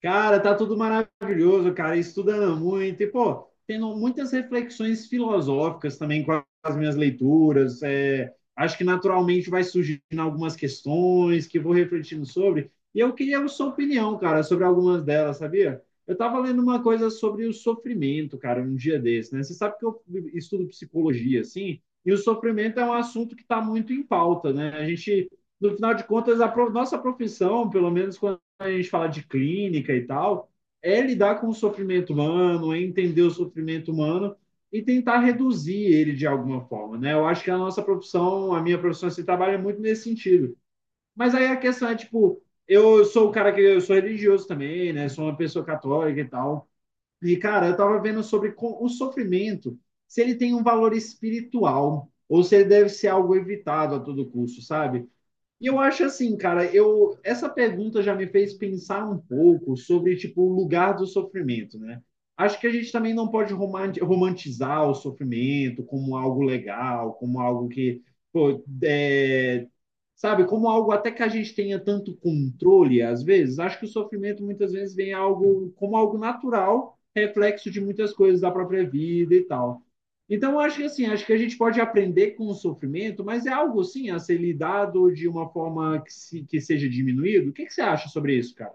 Cara, tá tudo maravilhoso, cara, estudando muito e, pô, tendo muitas reflexões filosóficas também com as minhas leituras. Acho que naturalmente vai surgindo algumas questões que eu vou refletindo sobre. E eu queria a sua opinião, cara, sobre algumas delas, sabia? Eu tava lendo uma coisa sobre o sofrimento, cara, um dia desse, né? Você sabe que eu estudo psicologia, assim, e o sofrimento é um assunto que tá muito em pauta, né? A gente, no final de contas, nossa profissão, pelo menos quando a gente fala de clínica e tal, é lidar com o sofrimento humano, é entender o sofrimento humano e tentar reduzir ele de alguma forma, né? Eu acho que a nossa profissão, a minha profissão, se assim, trabalha muito nesse sentido. Mas aí a questão é, tipo, eu sou o cara que eu sou religioso também, né? Sou uma pessoa católica e tal. E, cara, eu tava vendo sobre o sofrimento, se ele tem um valor espiritual ou se ele deve ser algo evitado a todo custo, sabe? E eu acho assim, cara, eu essa pergunta já me fez pensar um pouco sobre tipo o lugar do sofrimento, né? Acho que a gente também não pode romantizar o sofrimento como algo legal, como algo que, pô, sabe, como algo até que a gente tenha tanto controle às vezes. Acho que o sofrimento muitas vezes vem algo como algo natural, reflexo de muitas coisas da própria vida e tal. Então, acho que assim, acho que a gente pode aprender com o sofrimento, mas é algo sim a ser lidado de uma forma que, se, que seja diminuído. O que, que você acha sobre isso, cara?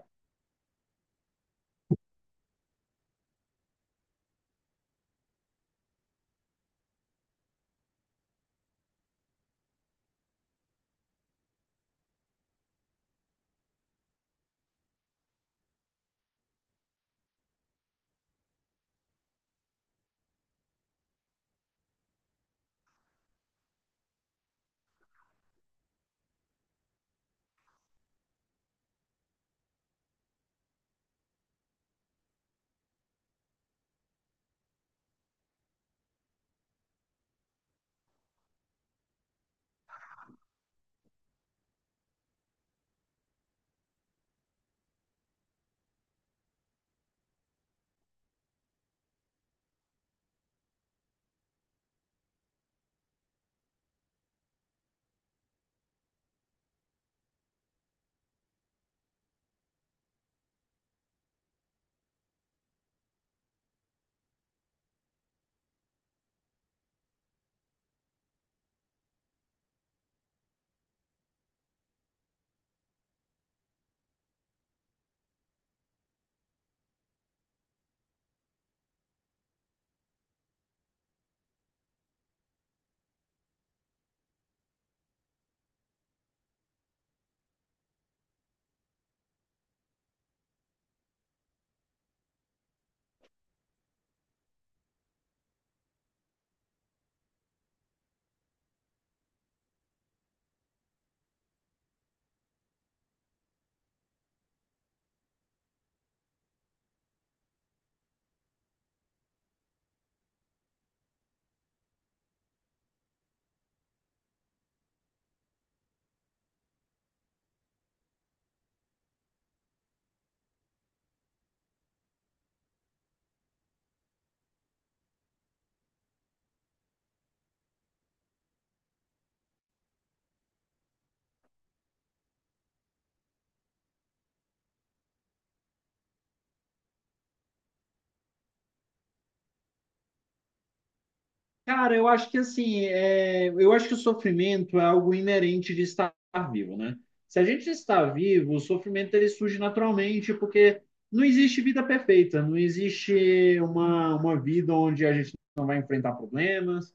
Cara, eu acho que assim, eu acho que o sofrimento é algo inerente de estar vivo, né? Se a gente está vivo, o sofrimento ele surge naturalmente, porque não existe vida perfeita, não existe uma vida onde a gente não vai enfrentar problemas,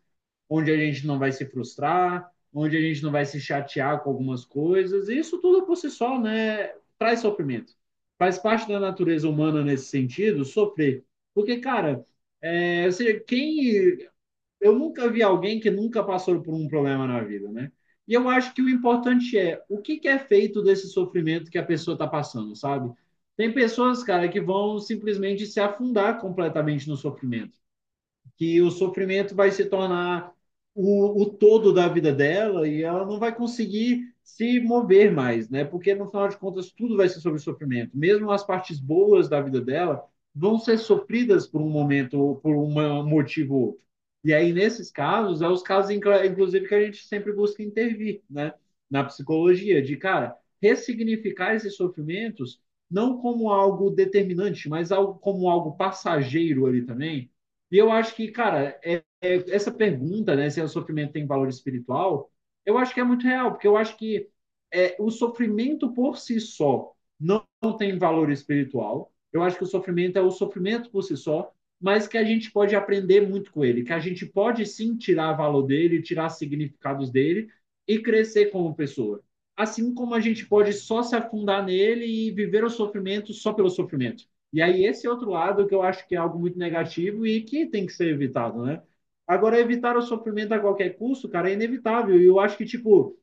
onde a gente não vai se frustrar, onde a gente não vai se chatear com algumas coisas. E isso tudo por si só, né, traz sofrimento. Faz parte da natureza humana nesse sentido, sofrer. Porque, cara, ou seja, quem eu nunca vi alguém que nunca passou por um problema na vida, né? E eu acho que o importante é o que, que é feito desse sofrimento que a pessoa está passando, sabe? Tem pessoas, cara, que vão simplesmente se afundar completamente no sofrimento que o sofrimento vai se tornar o todo da vida dela e ela não vai conseguir se mover mais, né? Porque no final de contas tudo vai ser sobre sofrimento, mesmo as partes boas da vida dela vão ser sofridas por um momento, por um motivo ou outro. E aí nesses casos, é os casos inclusive que a gente sempre busca intervir, né? Na psicologia, de cara, ressignificar esses sofrimentos não como algo determinante, mas algo, como algo passageiro ali também, e eu acho que, cara, essa pergunta, né, se é o sofrimento tem valor espiritual, eu acho que é muito real, porque eu acho que o sofrimento por si só não tem valor espiritual. Eu acho que o sofrimento é o sofrimento por si só, mas que a gente pode aprender muito com ele, que a gente pode sim tirar valor dele, tirar significados dele e crescer como pessoa. Assim como a gente pode só se afundar nele e viver o sofrimento só pelo sofrimento. E aí, esse outro lado que eu acho que é algo muito negativo e que tem que ser evitado, né? Agora, evitar o sofrimento a qualquer custo, cara, é inevitável. E eu acho que, tipo,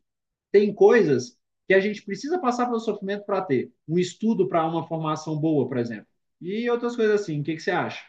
tem coisas que a gente precisa passar pelo sofrimento para ter. Um estudo para uma formação boa, por exemplo. E outras coisas assim. O que que você acha?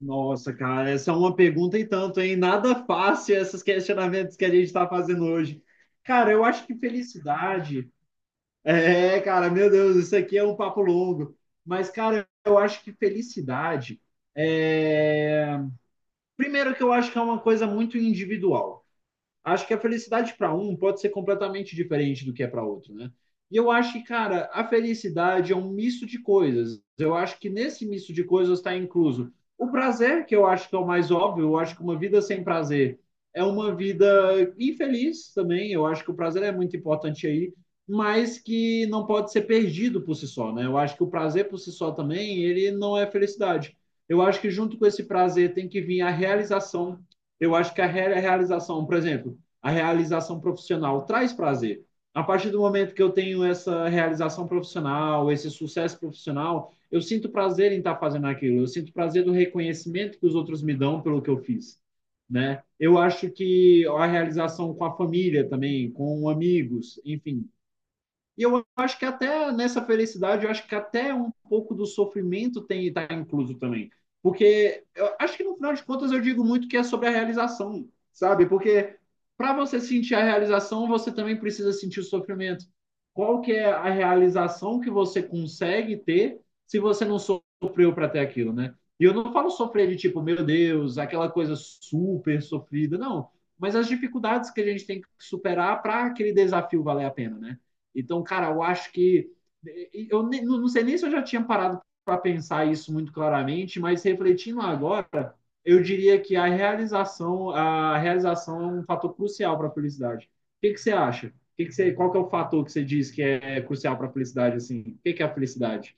Nossa, cara, essa é uma pergunta e tanto, hein? Nada fácil esses questionamentos que a gente está fazendo hoje. Cara, eu acho que felicidade é, cara, meu Deus, isso aqui é um papo longo. Mas, cara, eu acho que felicidade é. Primeiro, que eu acho que é uma coisa muito individual, acho que a felicidade para um pode ser completamente diferente do que é para outro, né? E eu acho que, cara, a felicidade é um misto de coisas. Eu acho que nesse misto de coisas está incluso o prazer, que eu acho que é o mais óbvio. Eu acho que uma vida sem prazer é uma vida infeliz também. Eu acho que o prazer é muito importante aí, mas que não pode ser perdido por si só, né? Eu acho que o prazer por si só também, ele não é felicidade. Eu acho que junto com esse prazer tem que vir a realização. Eu acho que a realização, por exemplo, a realização profissional traz prazer. A partir do momento que eu tenho essa realização profissional, esse sucesso profissional, eu sinto prazer em estar fazendo aquilo. Eu sinto prazer do reconhecimento que os outros me dão pelo que eu fiz, né? Eu acho que a realização com a família também, com amigos, enfim, e eu acho que até nessa felicidade, eu acho que até um pouco do sofrimento tem está incluso também. Porque eu acho que no final de contas eu digo muito que é sobre a realização, sabe? Porque para você sentir a realização, você também precisa sentir o sofrimento. Qual que é a realização que você consegue ter se você não sofreu para ter aquilo, né? E eu não falo sofrer de tipo, meu Deus, aquela coisa super sofrida, não. Mas as dificuldades que a gente tem que superar para aquele desafio valer a pena, né? Então, cara, eu acho que. Eu não sei nem se eu já tinha parado para pensar isso muito claramente, mas refletindo agora, eu diria que a realização é um fator crucial para a felicidade. O que, que você acha? O que que você, qual que é o fator que você diz que é crucial para a felicidade? Assim? O que, que é a felicidade?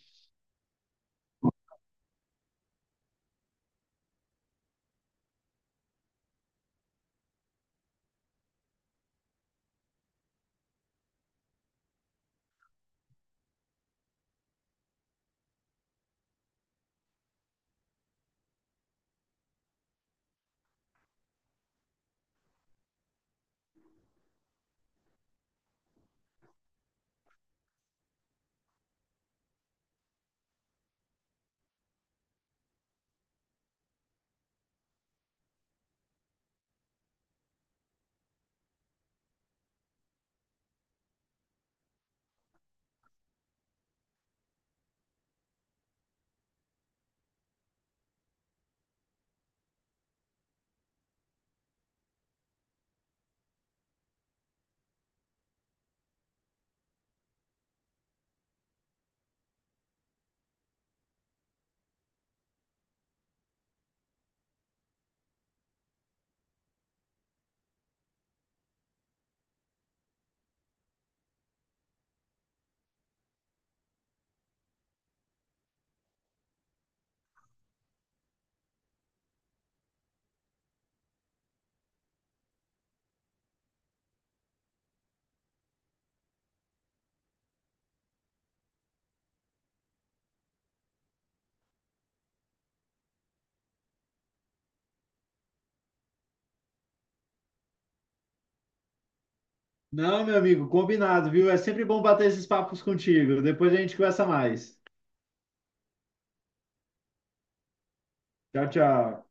Não, meu amigo, combinado, viu? É sempre bom bater esses papos contigo. Depois a gente conversa mais. Tchau, tchau.